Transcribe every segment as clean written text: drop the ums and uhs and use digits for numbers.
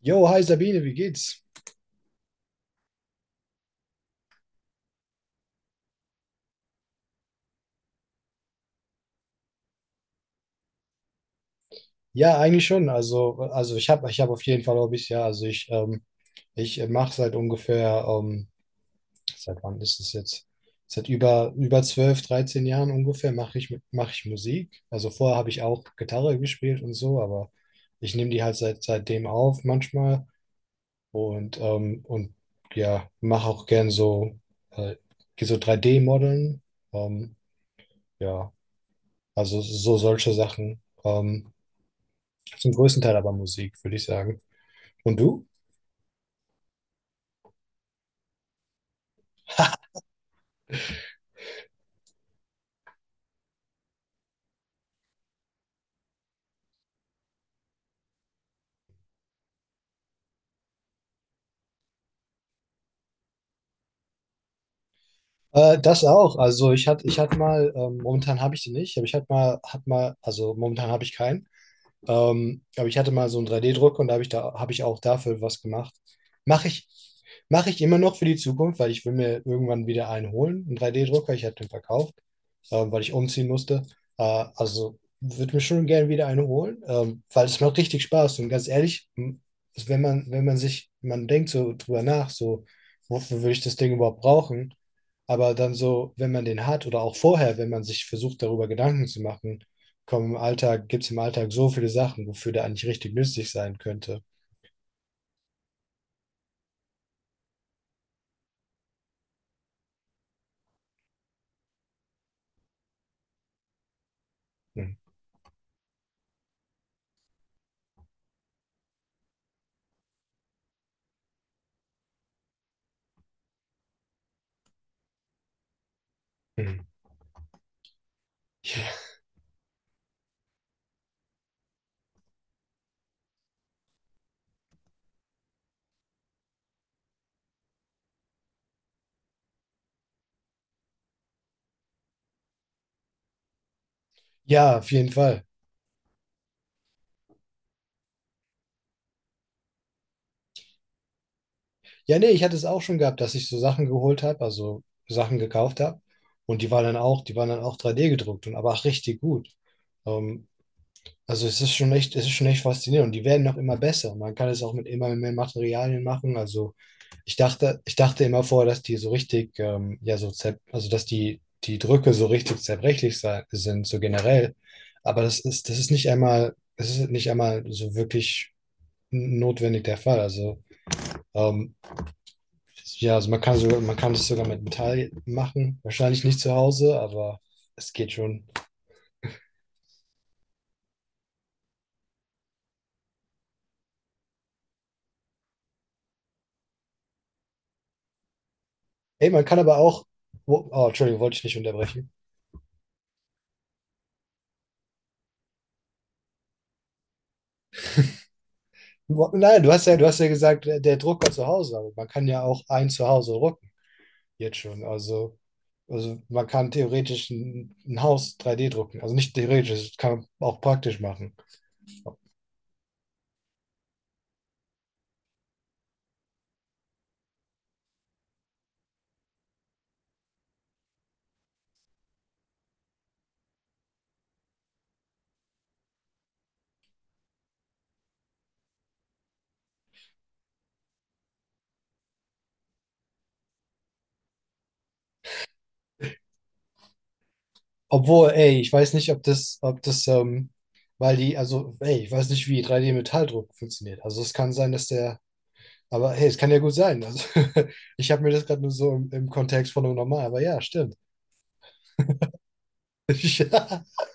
Jo, hi Sabine, wie geht's? Ja, eigentlich schon. Also ich hab auf jeden Fall Hobbys, ja. Also ich mache seit ungefähr, seit wann ist es jetzt? Seit über 12, 13 Jahren ungefähr mach ich Musik. Also vorher habe ich auch Gitarre gespielt und so, aber ich nehme die halt seitdem auf manchmal und ja, mache auch gern äh, so 3D-Modeln. Ähm, ja, also so solche Sachen. Zum größten Teil aber Musik, würde ich sagen. Und du? Das auch. Also ich hatte mal, momentan habe ich die nicht, aber ich hatte mal, also momentan habe ich keinen. Aber ich hatte mal so einen 3D-Druck, und da habe ich auch dafür was gemacht. Mache ich, mache ich immer noch für die Zukunft, weil ich will mir irgendwann wieder einen holen, einen 3D-Drucker. Ich hatte den verkauft, weil ich umziehen musste. Also würde mir schon gerne wieder einen holen, weil es macht richtig Spaß. Und ganz ehrlich, wenn man sich, man denkt so drüber nach, so, wofür würde ich das Ding überhaupt brauchen? Aber dann so, wenn man den hat oder auch vorher, wenn man sich versucht, darüber Gedanken zu machen, komm, im Alltag gibt es im Alltag so viele Sachen, wofür der eigentlich richtig nützlich sein könnte. Hm. Hm. Ja, auf jeden Fall. Ja, nee, ich hatte es auch schon gehabt, dass ich so Sachen geholt habe, also Sachen gekauft habe. Und die waren dann auch 3D gedruckt und aber auch richtig gut. Ähm, Also es ist schon echt faszinierend, und die werden noch immer besser. Man kann es auch mit immer mehr Materialien machen. Also ich dachte immer vorher, dass die so richtig, ja, so zer also dass die, die Drücke so richtig zerbrechlich sind, so generell. Aber das ist nicht einmal so wirklich notwendig der Fall. Also ähm, ja, also man kann das sogar mit Metall machen. Wahrscheinlich nicht zu Hause, aber es geht schon. Ey, man kann aber auch, oh, Entschuldigung, wollte ich nicht unterbrechen. Nein, du hast ja gesagt, der Drucker zu Hause, aber man kann ja auch ein Zuhause drucken, jetzt schon. Also man kann theoretisch ein Haus 3D drucken. Also nicht theoretisch, das kann man auch praktisch machen. Obwohl, ey, ich weiß nicht, weil die, also, ey, ich weiß nicht, wie 3D-Metalldruck funktioniert. Also es kann sein, dass der, aber hey, es kann ja gut sein. Also, ich habe mir das gerade nur so im Kontext von einem normal, aber ja, stimmt.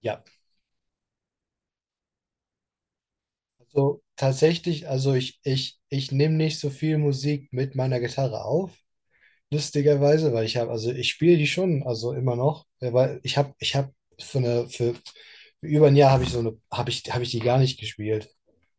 Ja, so, tatsächlich, also ich nehme nicht so viel Musik mit meiner Gitarre auf, lustigerweise, weil ich habe, also ich spiele die schon, also immer noch, ja, weil ich habe für über ein Jahr habe ich so eine, habe ich die gar nicht gespielt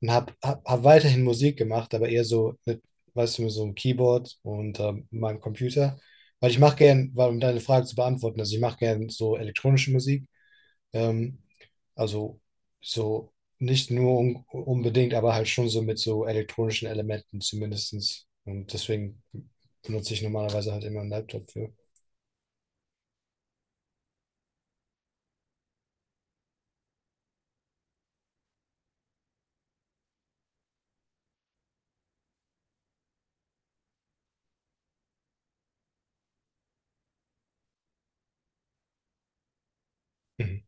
und hab weiterhin Musik gemacht, aber eher so mit, weißt du, mit so einem Keyboard und meinem Computer, weil ich mache gern, weil um deine Frage zu beantworten, also ich mache gern so elektronische Musik. Ähm, also so nicht nur un unbedingt, aber halt schon so mit so elektronischen Elementen zumindestens. Und deswegen benutze ich normalerweise halt immer einen Laptop für. Mhm.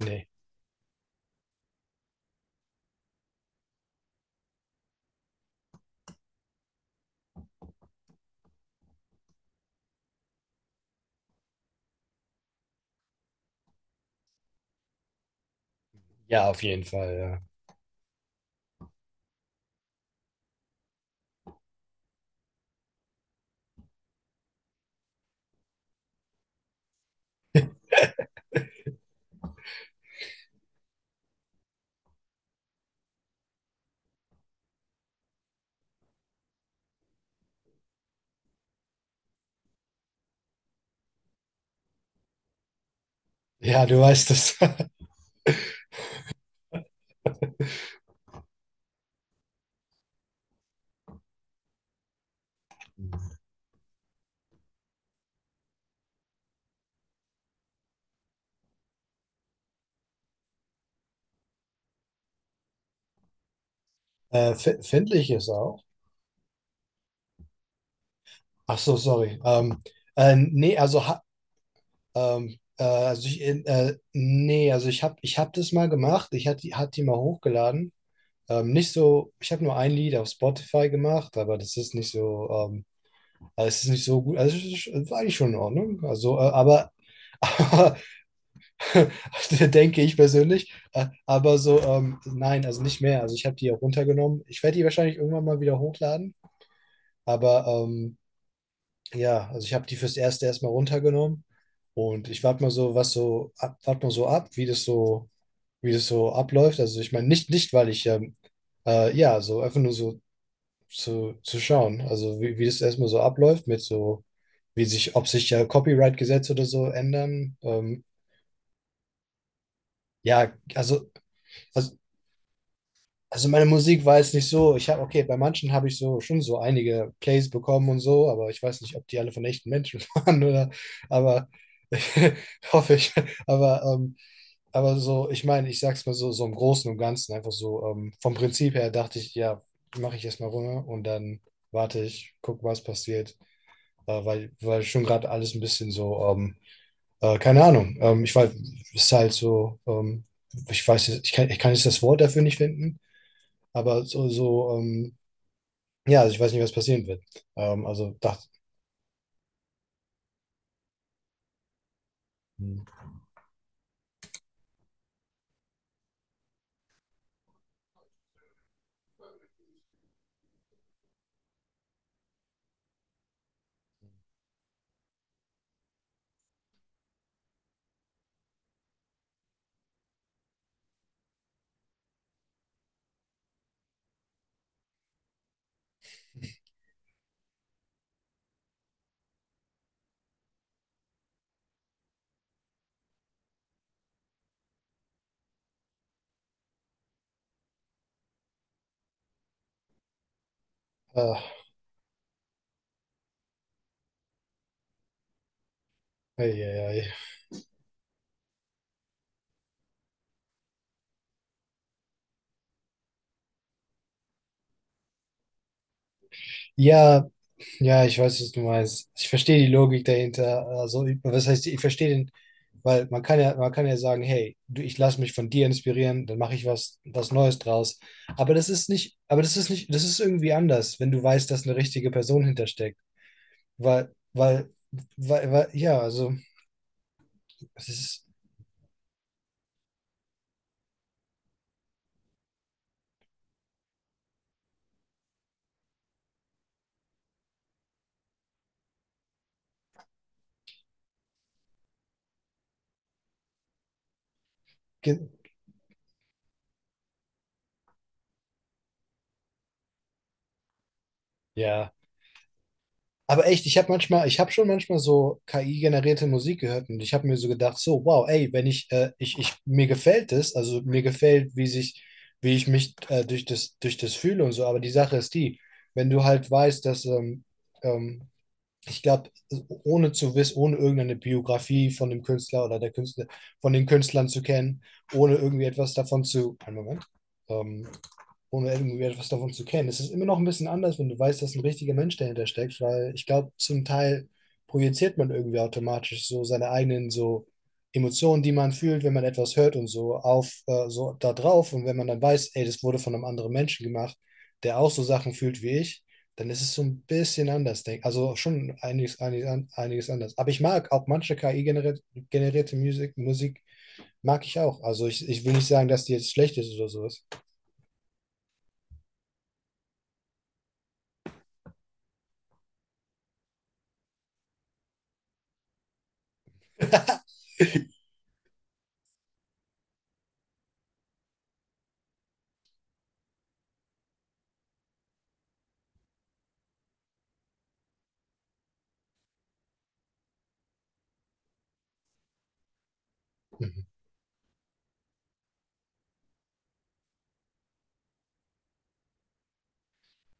Nee. Ja, auf jeden Fall, ja. Ja, du weißt es. Findlich ist auch. Ach so, sorry. Nee, also, also ich, nee, also ich hab das mal gemacht. Ich hatte hat die mal hochgeladen. Nicht so, ich habe nur ein Lied auf Spotify gemacht, aber das ist nicht so, also es ist nicht so gut. Also es war eigentlich schon in Ordnung. Also, aber, aber denke ich persönlich. Aber so, nein, also nicht mehr. Also ich habe die auch runtergenommen. Ich werde die wahrscheinlich irgendwann mal wieder hochladen. Aber ja, also ich habe die fürs Erste erstmal runtergenommen. Und ich warte mal so ab, wie das so abläuft. Also ich meine, nicht, weil ich ja, so einfach nur so zu schauen. Also wie das erstmal so abläuft mit so, wie sich, ob sich ja Copyright-Gesetze oder so ändern. Ja, also, also meine Musik war jetzt nicht so, ich habe, okay, bei manchen habe ich so schon so einige Plays bekommen und so, aber ich weiß nicht, ob die alle von echten Menschen waren oder, aber hoffe ich. Aber, ähm, aber so, ich meine, ich sag's mal so, so im Großen und Ganzen, einfach so, vom Prinzip her dachte ich, ja, mache ich erstmal runter und dann warte ich, guck, was passiert. Weil schon gerade alles ein bisschen so, keine Ahnung. Ich weiß, es ist halt so, ich weiß, ich kann jetzt das Wort dafür nicht finden, aber ja, also ich weiß nicht, was passieren wird. Also dachte, äh, ei, ei, ei. Ja, ja, ich weiß, was du meinst. Ich verstehe die Logik dahinter. Also, was heißt, ich verstehe den. Weil man kann ja sagen, hey, du, ich lasse mich von dir inspirieren, dann mache ich was, Neues draus. Aber das ist irgendwie anders, wenn du weißt, dass eine richtige Person hintersteckt. Weil, weil, weil ja, also es ist, ge- ja. Aber echt, ich habe schon manchmal so KI-generierte Musik gehört, und ich habe mir so gedacht, so, wow, ey, wenn ich, mir gefällt es, also mir gefällt, wie sich, wie ich mich durch das fühle und so, aber die Sache ist die, wenn du halt weißt, dass, ähm, ich glaube, ohne zu wissen, ohne irgendeine Biografie von dem Künstler oder der Künstler, von den Künstlern zu kennen, ohne irgendwie etwas davon zu, einen Moment, ähm, ohne irgendwie etwas davon zu kennen. Es ist immer noch ein bisschen anders, wenn du weißt, dass ein richtiger Mensch dahinter steckt, weil ich glaube, zum Teil projiziert man irgendwie automatisch so seine eigenen so Emotionen, die man fühlt, wenn man etwas hört und so auf so da drauf, und wenn man dann weiß, ey, das wurde von einem anderen Menschen gemacht, der auch so Sachen fühlt wie ich, dann ist es so ein bisschen anders, denk, also schon einiges anders. Aber ich mag auch manche KI-generierte Musik, Musik mag ich auch. Also ich will nicht sagen, dass die jetzt schlecht ist oder sowas.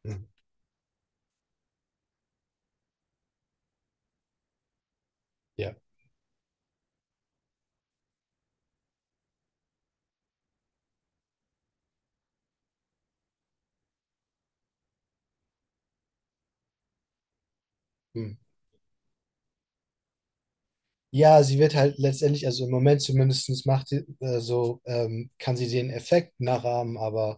Ja. Hm. Ja, sie wird halt letztendlich, also im Moment zumindest macht sie, so, kann sie den Effekt nachahmen, aber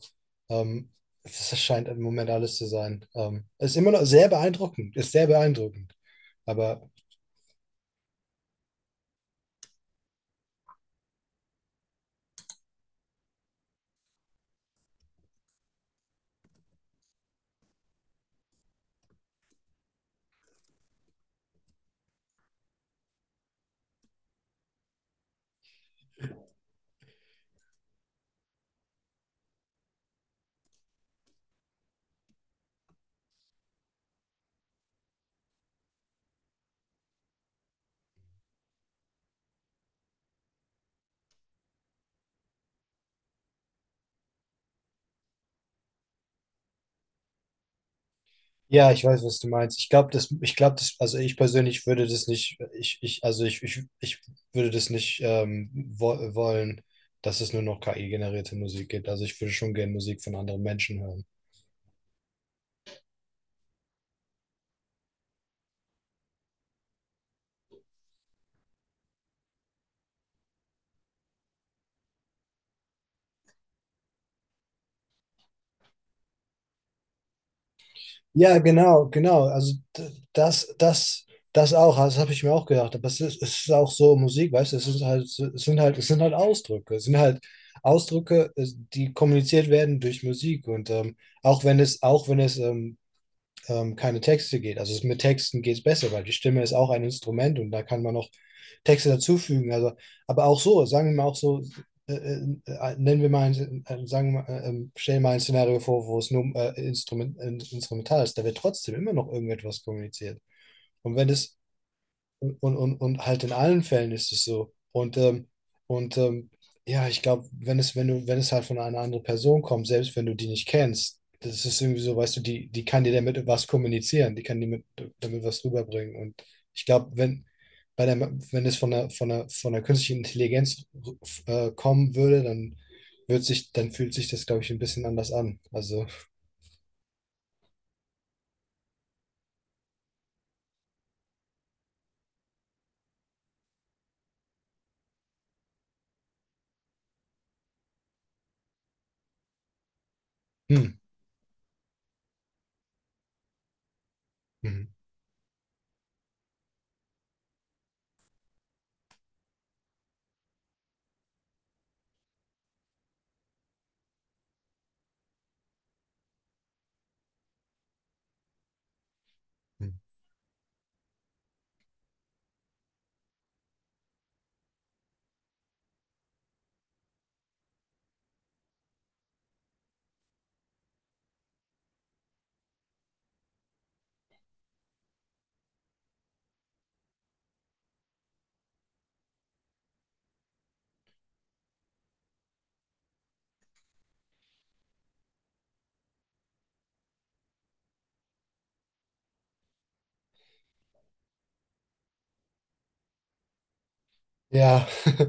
ähm, das scheint im Moment alles zu sein. Ist immer noch sehr beeindruckend, ist sehr beeindruckend. Aber ja, ich weiß, was du meinst. Also ich persönlich würde das nicht, ich, also ich würde das nicht wo wollen, dass es nur noch KI-generierte Musik gibt. Also ich würde schon gerne Musik von anderen Menschen hören. Ja, genau, genau. Also das auch, das habe ich mir auch gedacht. Aber es ist auch so Musik, weißt du, es ist halt, es sind halt Ausdrücke. Es sind halt Ausdrücke, die kommuniziert werden durch Musik. Und auch wenn es keine Texte geht. Mit Texten geht es besser, weil die Stimme ist auch ein Instrument und da kann man noch Texte dazufügen. Also, aber auch so, sagen wir mal auch so, nennen wir mal, ein, stellen wir mal ein Szenario vor, wo es nur instrumental ist, da wird trotzdem immer noch irgendetwas kommuniziert. Und wenn es und halt in allen Fällen ist es so. Und, und ähm, ja, ich glaube, wenn es halt von einer anderen Person kommt, selbst wenn du die nicht kennst, das ist irgendwie so, weißt du, die, die kann dir damit was kommunizieren, die kann dir mit, damit was rüberbringen. Und ich glaube, wenn, bei der, wenn es von der künstlichen Intelligenz kommen würde, dann dann fühlt sich das, glaube ich, ein bisschen anders an. Also, hm, mhm. Mhm. Ja.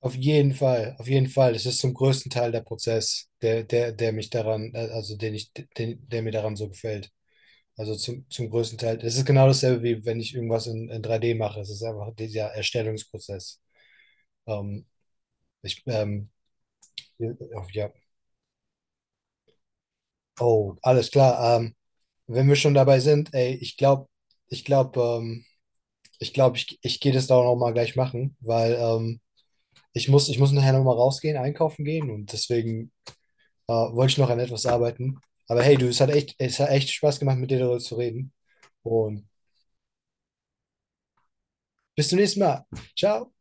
Auf jeden Fall, auf jeden Fall. Es ist zum größten Teil der Prozess, der mich daran, also der mir daran so gefällt. Also zum größten Teil. Es ist genau dasselbe, wie wenn ich irgendwas in 3D mache. Es ist einfach dieser Erstellungsprozess. Ähm, ich, ähm, ja, ja. Oh, alles klar. Wenn wir schon dabei sind, ey, ich glaube, ähm, ich gehe das da auch noch mal gleich machen, weil ich muss nachher noch mal rausgehen, einkaufen gehen und deswegen wollte ich noch an etwas arbeiten. Aber hey, du, es hat echt Spaß gemacht, mit dir darüber zu reden. Und bis zum nächsten Mal. Ciao.